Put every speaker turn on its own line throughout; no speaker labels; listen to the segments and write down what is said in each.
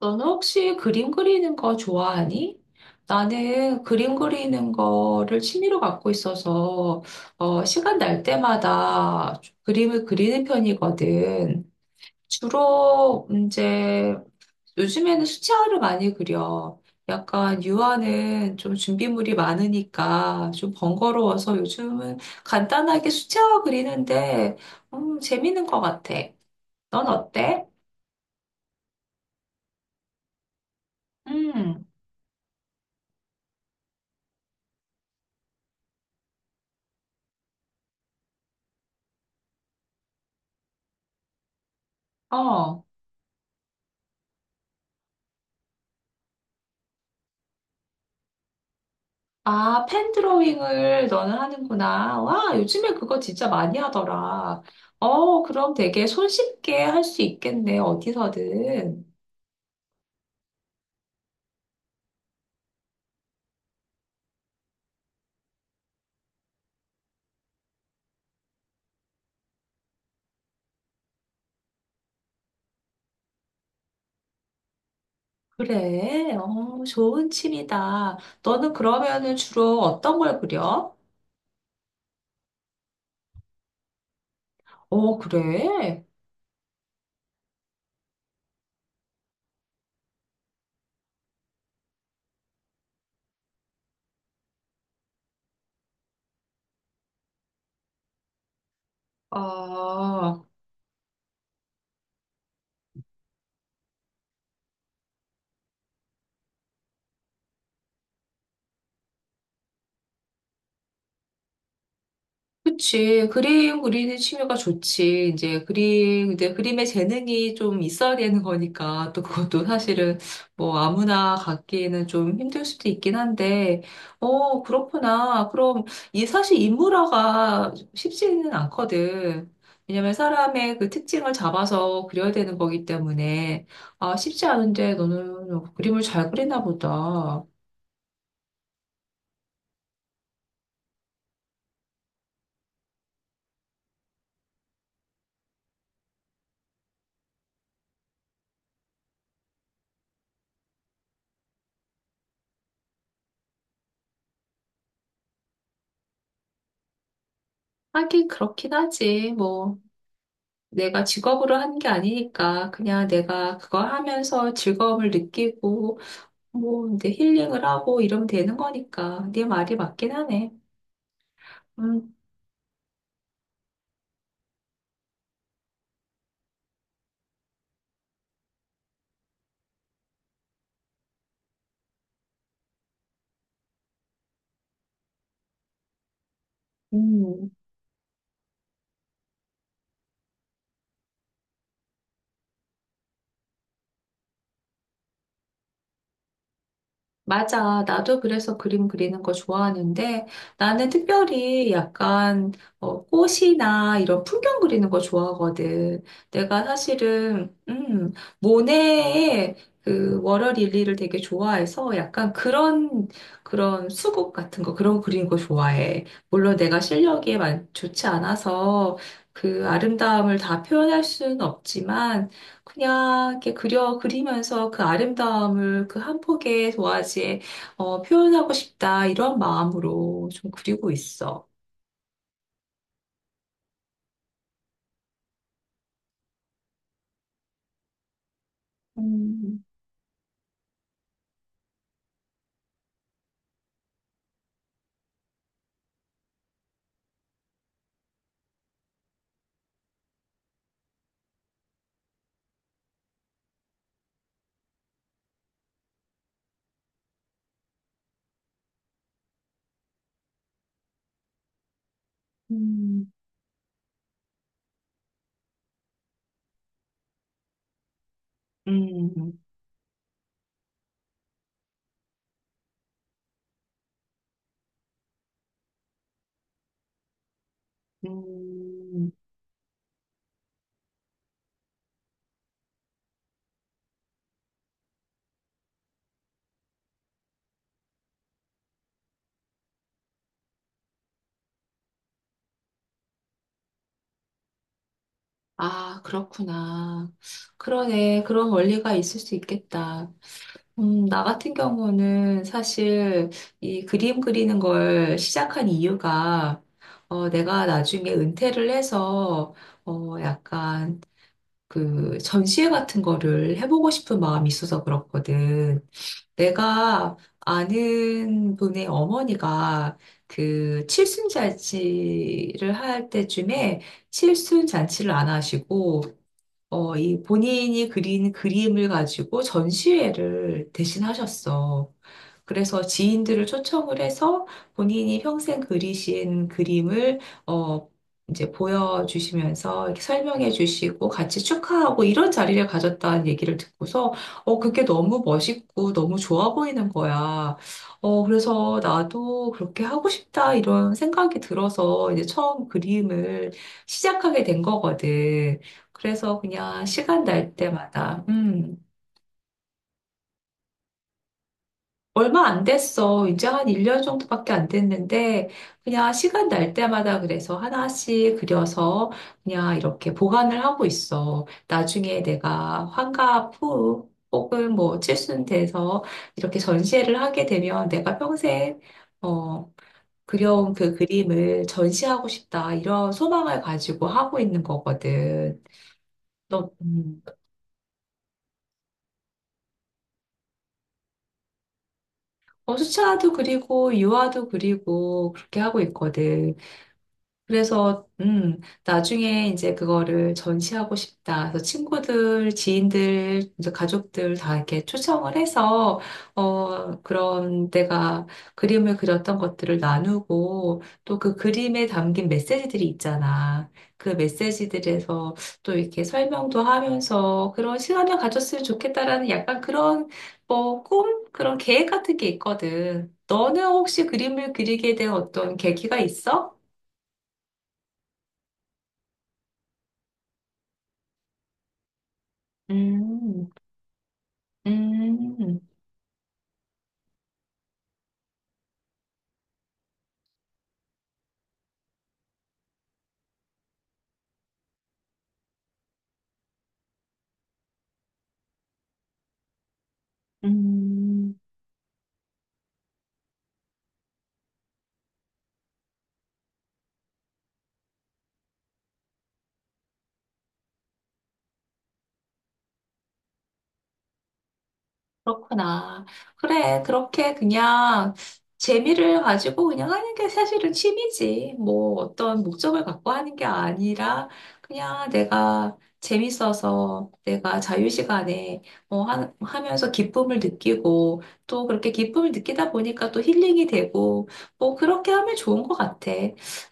너는 혹시 그림 그리는 거 좋아하니? 나는 그림 그리는 거를 취미로 갖고 있어서 시간 날 때마다 그림을 그리는 편이거든. 주로 이제 요즘에는 수채화를 많이 그려. 약간 유화는 좀 준비물이 많으니까 좀 번거로워서 요즘은 간단하게 수채화 그리는데 재밌는 것 같아. 넌 어때? 음, 어. 아, 펜 드로잉을 너는 하는구나. 와, 요즘에 그거 진짜 많이 하더라. 어, 그럼 되게 손쉽게 할 수 있겠네, 어디서든. 그래, 어, 좋은 취미다. 너는 그러면은 주로 어떤 걸 그려? 어, 그래? 아. 그치. 그림 그리는 취미가 좋지. 이제 그림에 재능이 좀 있어야 되는 거니까 또 그것도 사실은 뭐 아무나 갖기에는 좀 힘들 수도 있긴 한데, 어, 그렇구나. 그럼 이 사실 인물화가 쉽지는 않거든. 왜냐면 사람의 그 특징을 잡아서 그려야 되는 거기 때문에, 아, 쉽지 않은데 너는 뭐 그림을 잘 그리나 보다. 하긴 그렇긴 하지. 뭐. 내가 직업으로 한 게 아니니까 그냥 내가 그거 하면서 즐거움을 느끼고 뭐 이제 힐링을 하고 이러면 되는 거니까 네 말이 맞긴 하네. 음, 음. 맞아. 나도 그래서 그림 그리는 거 좋아하는데 나는 특별히 약간 꽃이나 이런 풍경 그리는 거 좋아하거든. 내가 사실은 모네의 그 워러릴리를 되게 좋아해서 약간 그런 수국 같은 거 그런 거 그리는 거 좋아해. 물론 내가 실력이 좋지 않아서 그 아름다움을 다 표현할 수는 없지만 그냥 이렇게 그려 그리면서 그 아름다움을 그 한 폭의 도화지에 표현하고 싶다 이런 마음으로 좀 그리고 있어. 음, 음, 음, 음. 아, 그렇구나. 그러네. 그런 원리가 있을 수 있겠다. 나 같은 경우는 사실 이 그림 그리는 걸 시작한 이유가 내가 나중에 은퇴를 해서 약간 그 전시회 같은 거를 해보고 싶은 마음이 있어서 그렇거든. 내가 아는 분의 어머니가 그 칠순잔치를 할 때쯤에 칠순잔치를 안 하시고 이 본인이 그린 그림을 가지고 전시회를 대신하셨어. 그래서 지인들을 초청을 해서 본인이 평생 그리신 그림을 어, 이제 보여주시면서 이렇게 설명해 주시고 같이 축하하고 이런 자리를 가졌다는 얘기를 듣고서 그게 너무 멋있고 너무 좋아 보이는 거야. 그래서 나도 그렇게 하고 싶다 이런 생각이 들어서 이제 처음 그림을 시작하게 된 거거든. 그래서 그냥 시간 날 때마다, 얼마 안 됐어. 이제 한 1년 정도밖에 안 됐는데, 그냥 시간 날 때마다 그래서 하나씩 그려서 그냥 이렇게 보관을 하고 있어. 나중에 내가 환갑 후, 혹은 뭐 칠순 돼서 이렇게 전시회를 하게 되면 내가 평생, 어, 그려온 그 그림을 전시하고 싶다. 이런 소망을 가지고 하고 있는 거거든. 너, 어, 수차도 그리고 유아도 그리고 그렇게 하고 있거든. 그래서 나중에 이제 그거를 전시하고 싶다. 그래서 친구들, 지인들, 이제 가족들 다 이렇게 초청을 해서 그런 내가 그림을 그렸던 것들을 나누고 또 그 그림에 담긴 메시지들이 있잖아. 그 메시지들에서 또 이렇게 설명도 하면서 그런 시간을 가졌으면 좋겠다라는 약간 그런 뭐 꿈? 그런 계획 같은 게 있거든. 너는 혹시 그림을 그리게 된 어떤 계기가 있어? 음, 음, 음, 그렇구나. 그래, 그렇게 그냥 재미를 가지고 그냥 하는 게 사실은 취미지. 뭐 어떤 목적을 갖고 하는 게 아니라 그냥 내가 재밌어서 내가 자유시간에 뭐 하면서 기쁨을 느끼고 또 그렇게 기쁨을 느끼다 보니까 또 힐링이 되고 뭐 그렇게 하면 좋은 것 같아.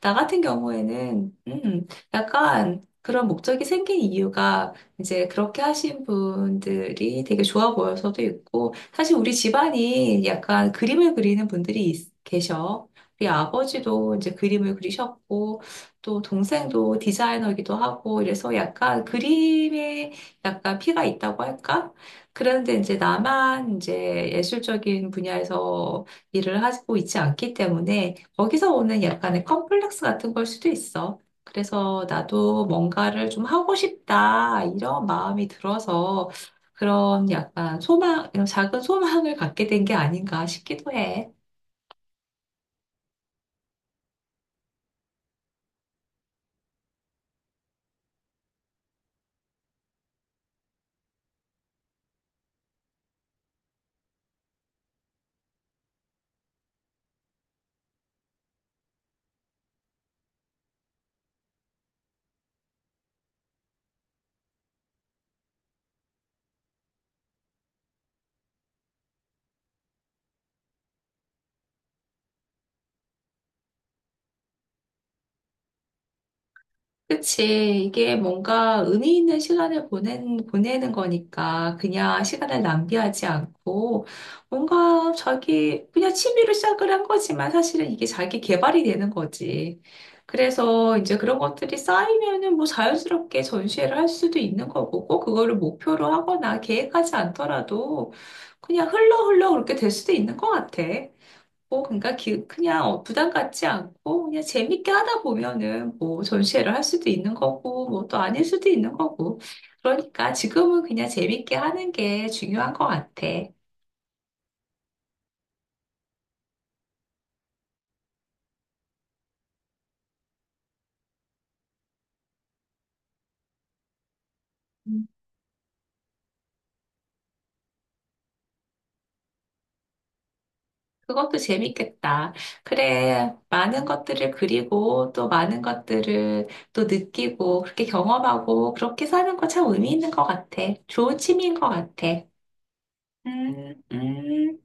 나 같은 경우에는, 약간 그런 목적이 생긴 이유가 이제 그렇게 하신 분들이 되게 좋아 보여서도 있고, 사실 우리 집안이 약간 그림을 그리는 분들이 계셔. 우리 아버지도 이제 그림을 그리셨고, 또 동생도 디자이너기도 하고, 이래서 약간 그림에 약간 피가 있다고 할까? 그런데 이제 나만 이제 예술적인 분야에서 일을 하고 있지 않기 때문에 거기서 오는 약간의 컴플렉스 같은 걸 수도 있어. 그래서 나도 뭔가를 좀 하고 싶다, 이런 마음이 들어서 그런 약간 소망, 작은 소망을 갖게 된 게 아닌가 싶기도 해. 그치. 이게 뭔가 의미 있는 시간을 보내는 거니까 그냥 시간을 낭비하지 않고 뭔가 자기 그냥 취미로 시작을 한 거지만 사실은 이게 자기 개발이 되는 거지. 그래서 이제 그런 것들이 쌓이면은 뭐 자연스럽게 전시회를 할 수도 있는 거고 꼭 그거를 목표로 하거나 계획하지 않더라도 그냥 흘러 흘러 그렇게 될 수도 있는 것 같아. 뭐, 그러니까 그냥 부담 갖지 않고 그냥 재밌게 하다 보면은 뭐 전시회를 할 수도 있는 거고 뭐 또 아닐 수도 있는 거고 그러니까 지금은 그냥 재밌게 하는 게 중요한 것 같아. 음, 그것도 재밌겠다. 그래, 많은 것들을 그리고 또 많은 것들을 또 느끼고 그렇게 경험하고 그렇게 사는 거 참 의미 있는 것 같아. 좋은 취미인 것 같아. 음, 음.